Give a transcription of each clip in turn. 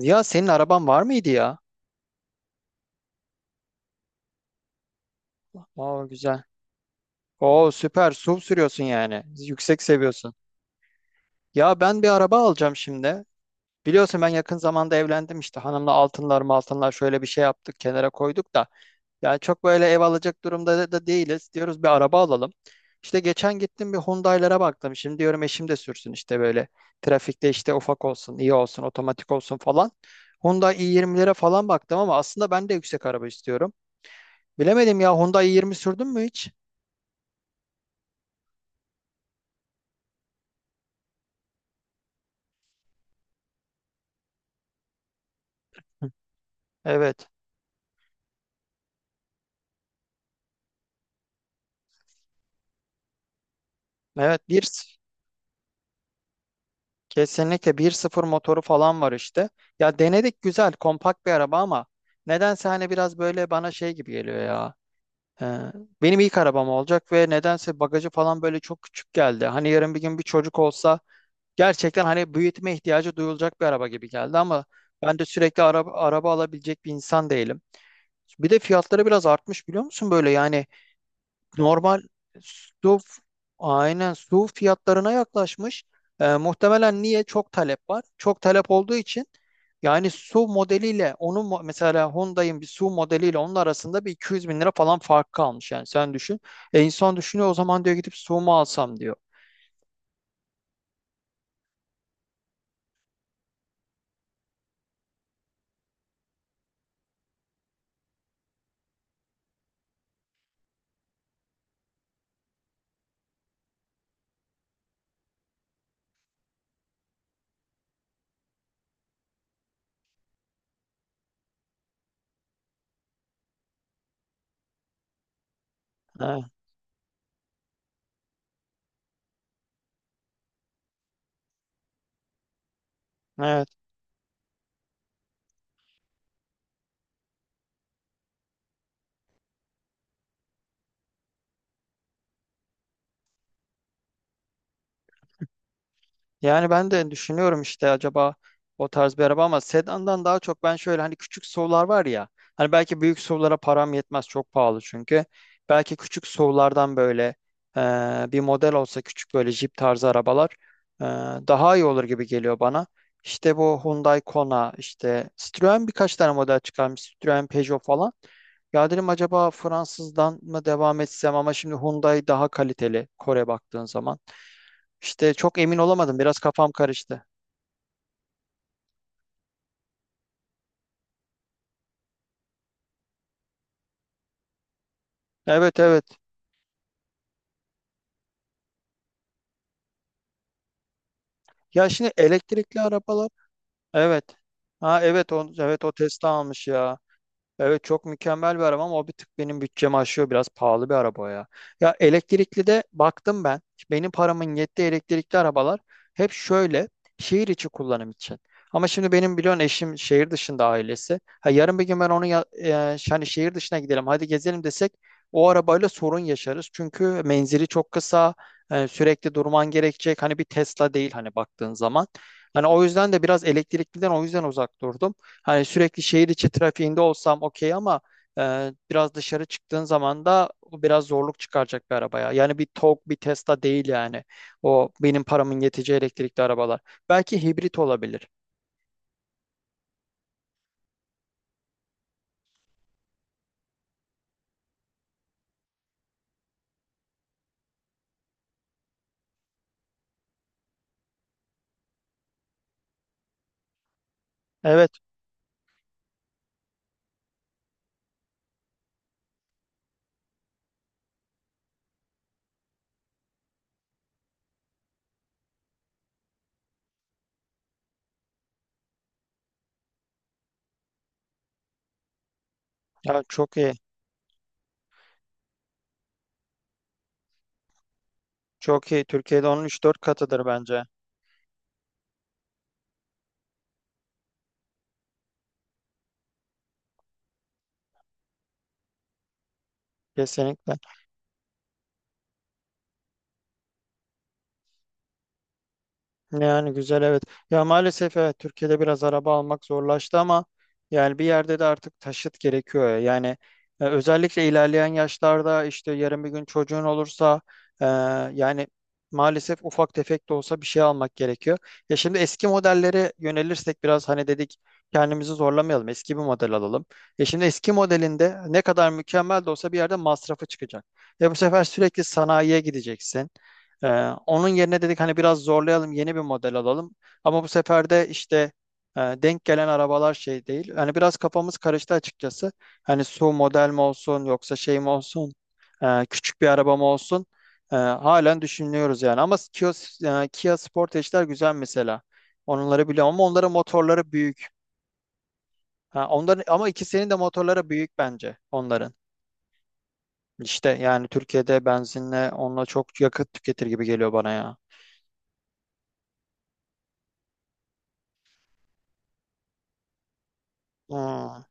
Ya senin araban var mıydı ya? Aa, güzel. Oo, süper. SUV sürüyorsun yani. Yüksek seviyorsun. Ya ben bir araba alacağım şimdi. Biliyorsun ben yakın zamanda evlendim işte hanımla altınlar şöyle bir şey yaptık, kenara koyduk da. Yani çok böyle ev alacak durumda da değiliz. Diyoruz bir araba alalım. İşte geçen gittim, bir Hyundai'lara baktım. Şimdi diyorum eşim de sürsün işte böyle. Trafikte işte ufak olsun, iyi olsun, otomatik olsun falan. Hyundai i20'lere falan baktım ama aslında ben de yüksek araba istiyorum. Bilemedim ya, Hyundai i20 sürdün mü hiç? Evet. Evet bir kesinlikle 1.0 motoru falan var işte. Ya denedik, güzel kompakt bir araba ama nedense hani biraz böyle bana şey gibi geliyor ya. Ee, benim ilk arabam olacak ve nedense bagajı falan böyle çok küçük geldi. Hani yarın bir gün bir çocuk olsa gerçekten hani büyütme ihtiyacı duyulacak bir araba gibi geldi ama ben de sürekli araba alabilecek bir insan değilim. Bir de fiyatları biraz artmış, biliyor musun böyle yani? Normal su, aynen su fiyatlarına yaklaşmış. Muhtemelen niye? Çok talep var. Çok talep olduğu için yani su modeliyle onun mesela Hyundai'in bir su modeliyle onun arasında bir 200 bin lira falan fark kalmış, yani sen düşün. E, insan düşünüyor o zaman, diyor gidip su mu alsam diyor. Evet. Yani ben de düşünüyorum işte, acaba o tarz bir araba ama sedandan daha çok ben şöyle, hani küçük SUV'lar var ya, hani belki büyük SUV'lara param yetmez, çok pahalı çünkü. Belki küçük SUV'lardan böyle bir model olsa, küçük böyle Jeep tarzı arabalar e, daha iyi olur gibi geliyor bana. İşte bu Hyundai Kona, işte Citroen birkaç tane model çıkarmış, Citroen Peugeot falan. Ya dedim acaba Fransızdan mı devam etsem ama şimdi Hyundai daha kaliteli, Kore baktığın zaman. İşte çok emin olamadım. Biraz kafam karıştı. Evet, evet. Ya şimdi elektrikli arabalar. Evet. Ha evet, o evet, o Tesla almış ya. Evet, çok mükemmel bir araba ama o bir tık benim bütçemi aşıyor. Biraz pahalı bir araba o ya. Ya elektrikli de baktım ben. Benim paramın yettiği elektrikli arabalar hep şöyle şehir içi kullanım için. Ama şimdi benim biliyorsun eşim şehir dışında, ailesi. Ha, yarın bir gün ben onu ya, hani şehir dışına gidelim hadi gezelim desek o arabayla sorun yaşarız. Çünkü menzili çok kısa, sürekli durman gerekecek. Hani bir Tesla değil hani baktığın zaman. Hani o yüzden de biraz elektrikliden o yüzden uzak durdum. Hani sürekli şehir içi trafiğinde olsam okey ama biraz dışarı çıktığın zaman da o biraz zorluk çıkaracak bir arabaya. Yani bir TOG, bir Tesla değil yani. O benim paramın yeteceği elektrikli arabalar. Belki hibrit olabilir. Evet, ya çok iyi. Çok iyi. Türkiye'de onun üç dört katıdır bence. Kesinlikle. Yani güzel, evet. Ya maalesef evet, Türkiye'de biraz araba almak zorlaştı ama yani bir yerde de artık taşıt gerekiyor, ya. Yani özellikle ilerleyen yaşlarda işte yarın bir gün çocuğun olursa e, yani maalesef ufak tefek de olsa bir şey almak gerekiyor. Ya şimdi eski modellere yönelirsek biraz, hani dedik kendimizi zorlamayalım, eski bir model alalım. E şimdi eski modelinde ne kadar mükemmel de olsa bir yerde masrafı çıkacak. Ya bu sefer sürekli sanayiye gideceksin. Ee, onun yerine dedik hani biraz zorlayalım, yeni bir model alalım. Ama bu sefer de işte denk gelen arabalar şey değil. Hani biraz kafamız karıştı açıkçası. Hani su model mi olsun, yoksa şey mi olsun, küçük bir araba mı olsun. Halen düşünüyoruz yani. Ama Kia Sportage'ler güzel mesela. Onları biliyorum ama onların motorları büyük. Ha, onların, ama ikisinin de motorları büyük bence onların. İşte yani Türkiye'de benzinle onunla çok yakıt tüketir gibi geliyor bana ya. Hmm.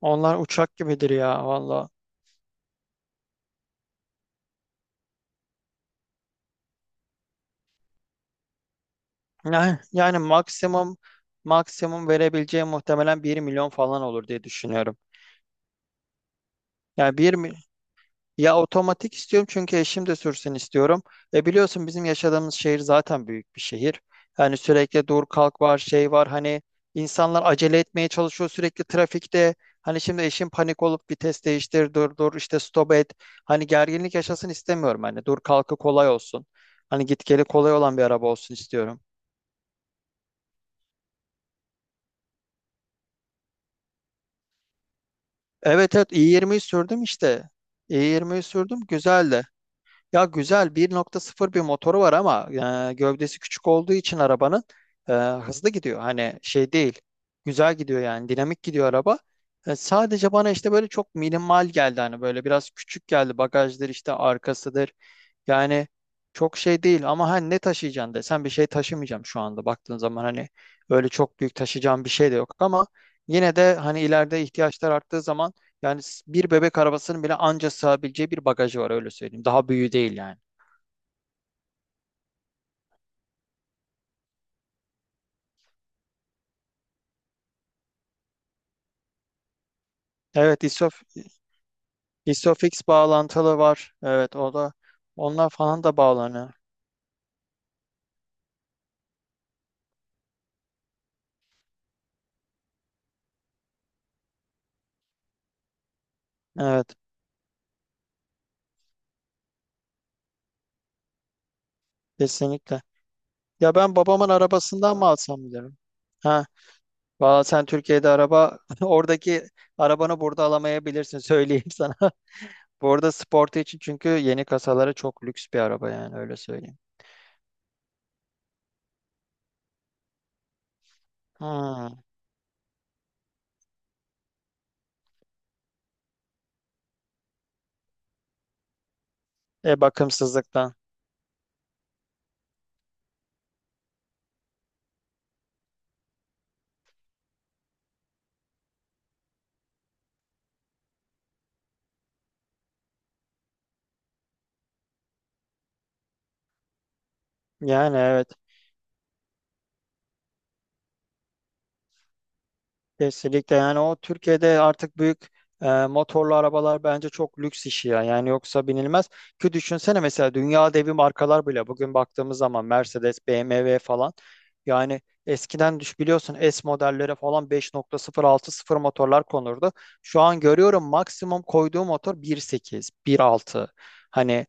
Onlar uçak gibidir ya valla. Yani maksimum verebileceğim muhtemelen 1 milyon falan olur diye düşünüyorum. Yani ya otomatik istiyorum, çünkü eşim de sürsün istiyorum. E biliyorsun bizim yaşadığımız şehir zaten büyük bir şehir. Yani sürekli dur kalk var, şey var, hani insanlar acele etmeye çalışıyor sürekli trafikte. Hani şimdi eşim panik olup vites değiştir, dur dur işte, stop et. Hani gerginlik yaşasın istemiyorum, hani dur kalkı kolay olsun. Hani git geli kolay olan bir araba olsun istiyorum. Evet, evet, i20'yi sürdüm işte. i20'yi sürdüm, güzeldi. Ya güzel, 1.0 bir motoru var ama gövdesi küçük olduğu için arabanın hızlı gidiyor. Hani şey değil. Güzel gidiyor yani, dinamik gidiyor araba. Sadece bana işte böyle çok minimal geldi, hani böyle biraz küçük geldi bagajdır işte, arkasıdır, yani çok şey değil ama hani ne taşıyacaksın desen bir şey taşımayacağım şu anda, baktığın zaman hani öyle çok büyük taşıyacağım bir şey de yok ama yine de hani ileride ihtiyaçlar arttığı zaman yani bir bebek arabasının bile anca sığabileceği bir bagajı var, öyle söyleyeyim. Daha büyüğü değil yani. Evet, İSOFIX bağlantılı var. Evet o da, onlar falan da bağlanıyor. Evet, kesinlikle. Ya ben babamın arabasından mı alsam, bilirim? Valla sen Türkiye'de araba oradaki arabanı burada alamayabilirsin, söyleyeyim sana. Bu arada sportu için, çünkü yeni kasaları çok lüks bir araba yani, öyle söyleyeyim. Hmm. E bakımsızlıktan. Yani evet. Kesinlikle, yani o Türkiye'de artık büyük motorlu arabalar bence çok lüks işi ya. Yani yoksa binilmez. Ki düşünsene mesela, dünya devi markalar bile bugün baktığımız zaman Mercedes, BMW falan, yani eskiden biliyorsun S modellere falan 5.060 motorlar konurdu. Şu an görüyorum maksimum koyduğu motor 1.8, 1.6. Hani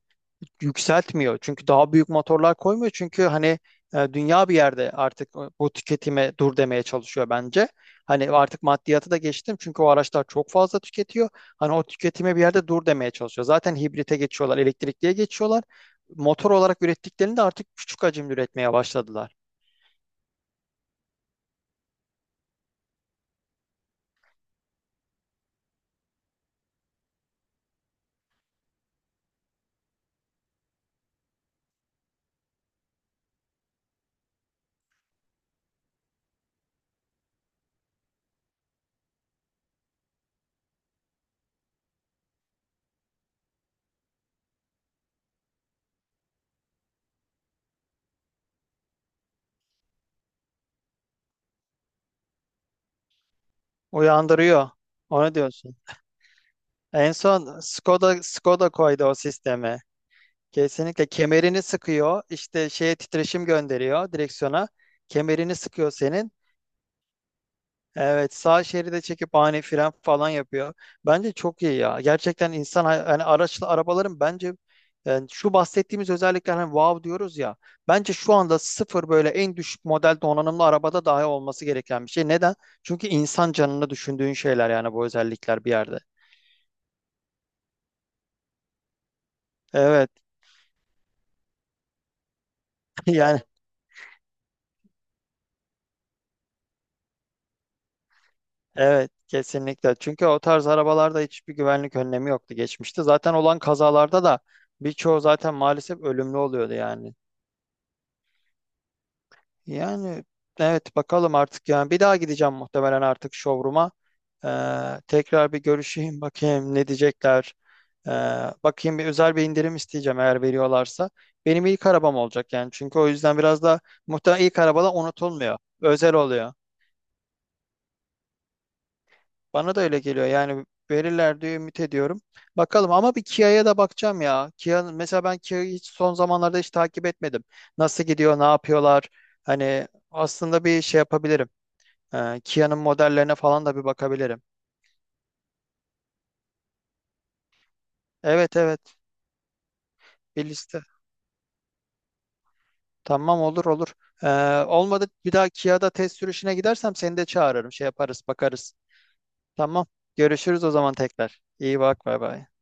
yükseltmiyor. Çünkü daha büyük motorlar koymuyor. Çünkü hani dünya bir yerde artık bu tüketime dur demeye çalışıyor bence. Hani artık maddiyatı da geçtim. Çünkü o araçlar çok fazla tüketiyor. Hani o tüketime bir yerde dur demeye çalışıyor. Zaten hibrite geçiyorlar, elektrikliye geçiyorlar. Motor olarak ürettiklerini de artık küçük hacimli üretmeye başladılar. Uyandırıyor. Ona diyorsun. En son Skoda koydu o sistemi. Kesinlikle, kemerini sıkıyor, işte şeye titreşim gönderiyor direksiyona. Kemerini sıkıyor senin. Evet, sağ şeride çekip ani fren falan yapıyor. Bence çok iyi ya. Gerçekten insan hani araçlı arabaların bence yani şu bahsettiğimiz özellikler, hani wow diyoruz ya. Bence şu anda sıfır böyle en düşük model donanımlı arabada dahi olması gereken bir şey. Neden? Çünkü insan canını düşündüğün şeyler, yani bu özellikler bir yerde. Evet yani. Evet, kesinlikle. Çünkü o tarz arabalarda hiçbir güvenlik önlemi yoktu geçmişte. Zaten olan kazalarda da birçoğu zaten maalesef ölümlü oluyordu yani. Yani evet, bakalım artık, yani bir daha gideceğim muhtemelen artık showroom'a. Tekrar bir görüşeyim bakayım ne diyecekler. Ee, bakayım, bir özel bir indirim isteyeceğim eğer veriyorlarsa. Benim ilk arabam olacak yani. Çünkü o yüzden biraz da muhtemelen ilk arabalar unutulmuyor. Özel oluyor. Bana da öyle geliyor. Yani verirler diye ümit ediyorum. Bakalım ama bir Kia'ya da bakacağım ya. Kia, mesela ben Kia'yı hiç son zamanlarda hiç takip etmedim. Nasıl gidiyor, ne yapıyorlar? Hani aslında bir şey yapabilirim. Kia'nın modellerine falan da bir bakabilirim. Evet, evet, bir liste. Tamam, olur olur. Ee, olmadı bir daha Kia'da test sürüşüne gidersem seni de çağırırım. Şey yaparız, bakarız. Tamam. Görüşürüz o zaman tekrar. İyi bak, bay bay.